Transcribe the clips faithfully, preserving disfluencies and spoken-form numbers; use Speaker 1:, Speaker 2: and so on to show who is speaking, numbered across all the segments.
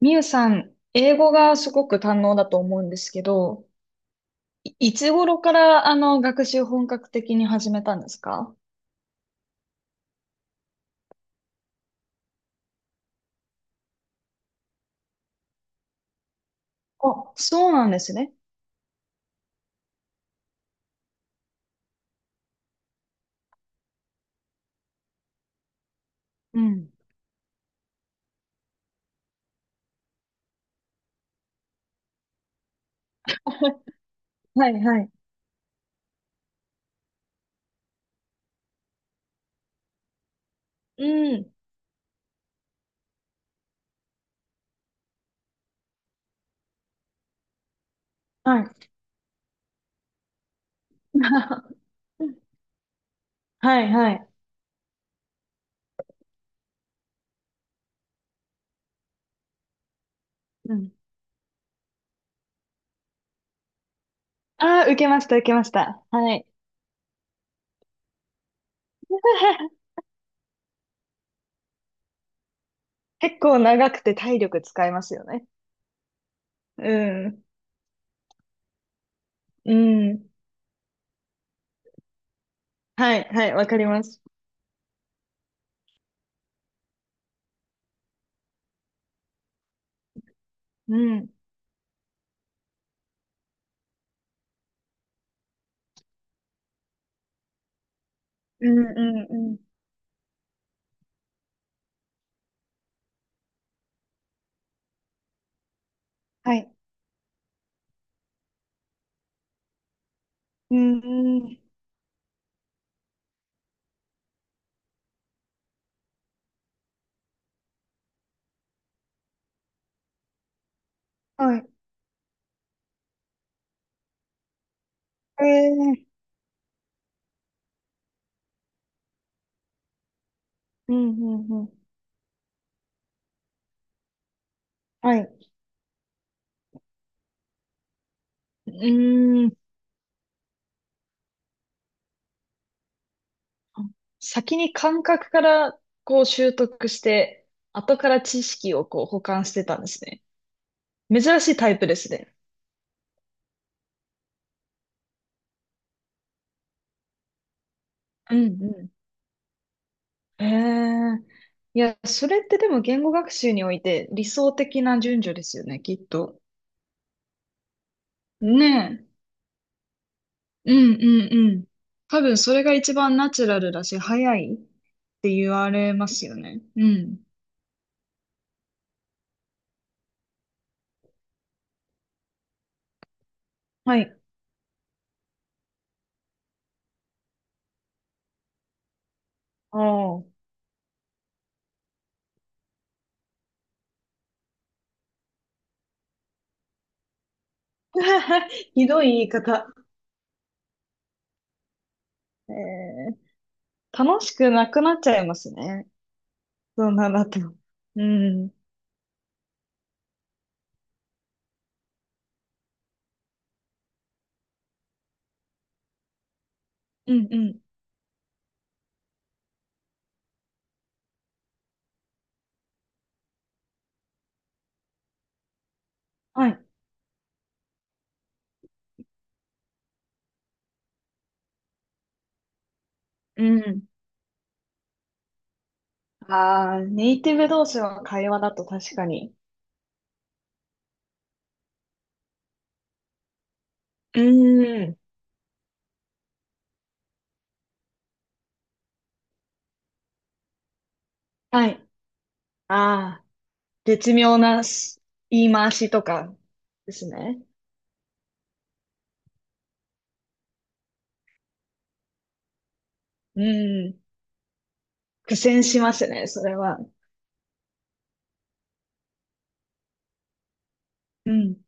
Speaker 1: みゆさん、英語がすごく堪能だと思うんですけど、いいつ頃からあの学習本格的に始めたんですか？あ、そうなんですね。うん。はいはい。うん。はい。はいはい。うん。ああ、受けました、受けました。はい。結構長くて体力使いますよね。うん。うん。はいはい、わかります。うん。うんうんうん。はい。うんうん。はい。ええ、うんうんうん。はい。うーん。先に感覚からこう習得して、後から知識をこう補完してたんですね。珍しいタイプですね。うんうん、へえ。いや、それってでも言語学習において理想的な順序ですよね、きっと。ねえ。うんうんうん。多分それが一番ナチュラルだし、早いって言われますよね。うん。ん。はい。ああ。ひどい言い方。え、楽しくなくなっちゃいますね。そんなんだと。うん。うんうん。はい。うん。ああ、ネイティブ同士の会話だと確かに。うん。はい。ああ、絶妙なし言い回しとかですね。うん。苦戦しますね、それは。うん。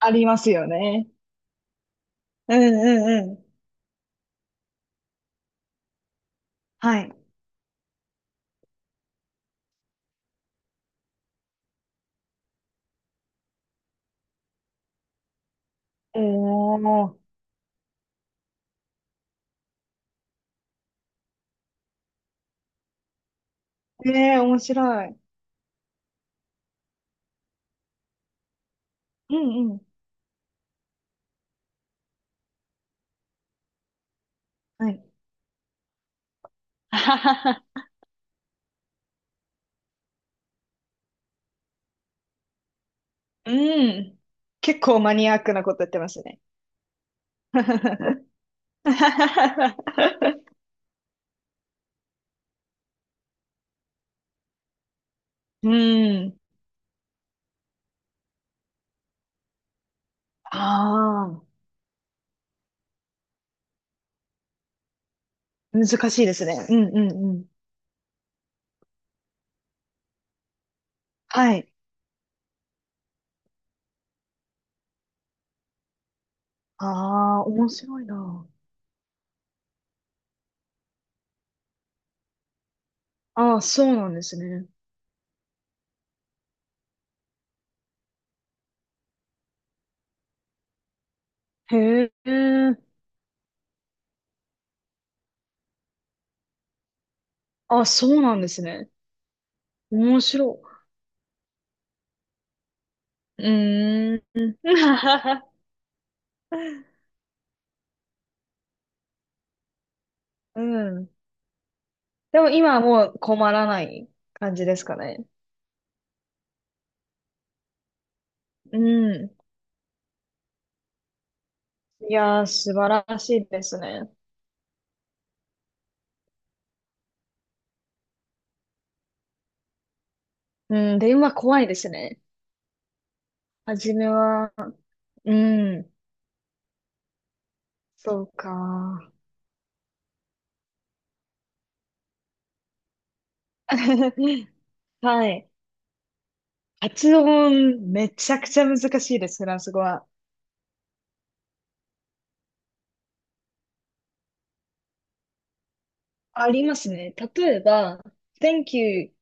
Speaker 1: ありますよね。うんうんうん。はい。おー。ええ、面白い。うんうん。はい。うん。結構マニアックなこと言ってますね。うん。ああ、難しいですね。うんうんうん。はい。ああ、面白いな。ああ、そうなんですね。へえ。あ、そうなんですね。面白い。うーん。うん。でも今はもう困らない感じですかね。うん。いやー、素晴らしいですね。うん。で、今怖いですね。初めは、うん、そうか。はい。発音、めちゃくちゃ難しいです、フランス語は。ありますね。例えば、thank you、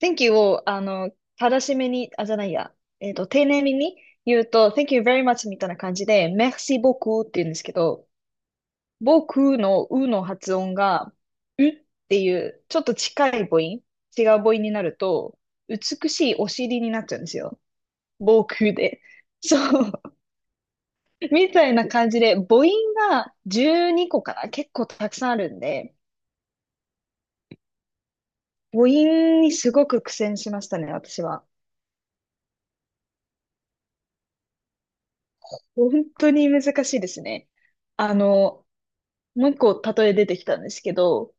Speaker 1: thank you を、あの、正しめに、あ、じゃないや、えっと、丁寧めに言うと、thank you very much みたいな感じで、merci beaucoup って言うんですけど、僕のうの発音が、うっていう、ちょっと近い母音、違う母音になると、美しいお尻になっちゃうんですよ。防空で。そう。みたいな感じで、母音がじゅうにこかな、結構たくさんあるんで、母音にすごく苦戦しましたね、私は。本当に難しいですね。あの、もう一個例え出てきたんですけど、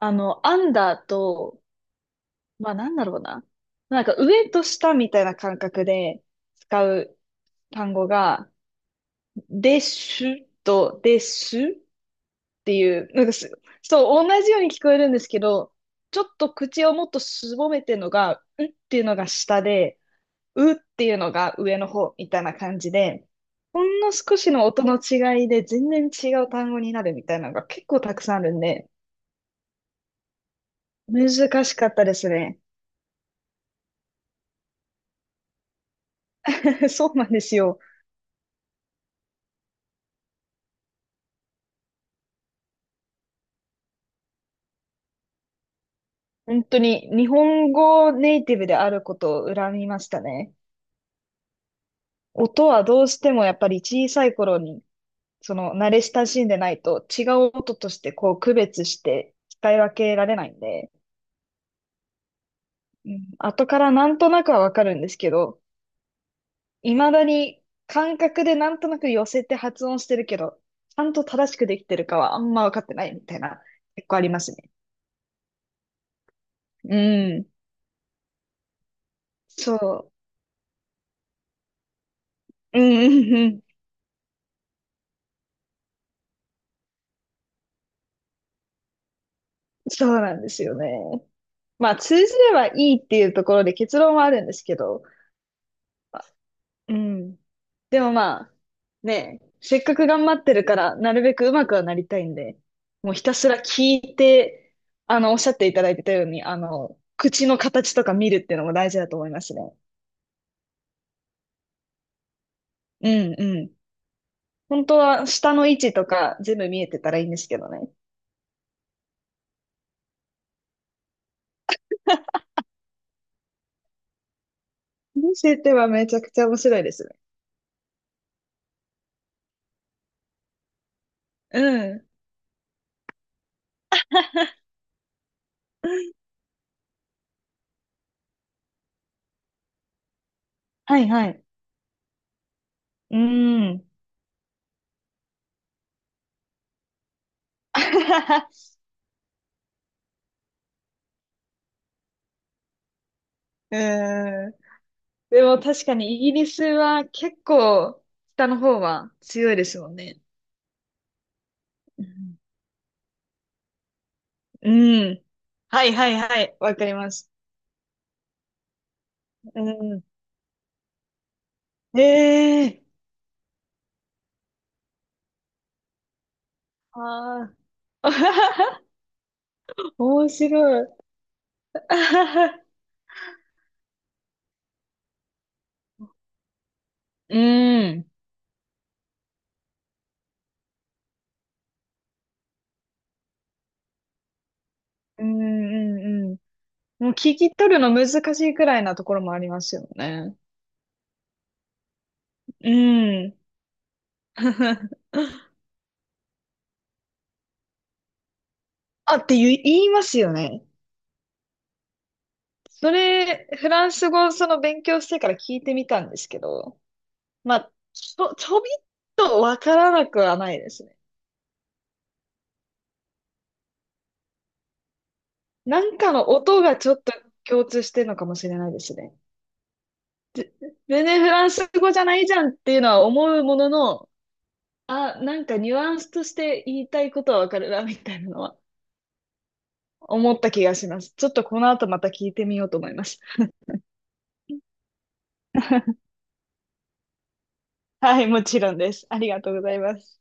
Speaker 1: あの、アンダーと、まあなんだろうな。なんか上と下みたいな感覚で使う単語が、ですと、です。っていう、なんかす、そう、同じように聞こえるんですけど、ちょっと口をもっとすぼめてるのが、うっていうのが下で、うっていうのが上の方みたいな感じで、ほんの少しの音の違いで全然違う単語になるみたいなのが結構たくさんあるんで、難しかったですね。そうなんですよ。本当に日本語ネイティブであることを恨みましたね。音はどうしてもやっぱり小さい頃にその慣れ親しんでないと違う音としてこう区別して使い分けられないんで、うん、後からなんとなくはわかるんですけど、未だに感覚でなんとなく寄せて発音してるけど、ちゃんと正しくできてるかはあんま分かってないみたいな、結構ありますね。うん。そう。うんうんうん。そうなんですよね。まあ通じればいいっていうところで結論はあるんですけど、うん。でもまあ、ねえ、せっかく頑張ってるから、なるべくうまくはなりたいんで、もうひたすら聞いて、あの、おっしゃっていただいてたように、あの、口の形とか見るっていうのも大事だと思いますね。うんうん。本当は下の位置とか全部見えてたらいいんですけどね。見せてはめちゃくちゃ面白いですね。うん。はいはい。うーん。うーん。でも確かにイギリスは結構下の方は強いですもんね。うん。うん、はいはいはい。わかります。うん。ええー、ああ。 面白い。うん。うんうんうん。もう聞き取るの難しいくらいなところもありますよね。うん。あって言い、言いますよね。それ、フランス語その勉強してから聞いてみたんですけど、まあ、ちょ、ちょびっとわからなくはないですね。なんかの音がちょっと共通してるのかもしれないですね。ぜ全然フランス語じゃないじゃんっていうのは思うものの、あ、なんかニュアンスとして言いたいことはわかるな、みたいなのは思った気がします。ちょっとこの後また聞いてみようと思います。はい、もちろんです。ありがとうございます。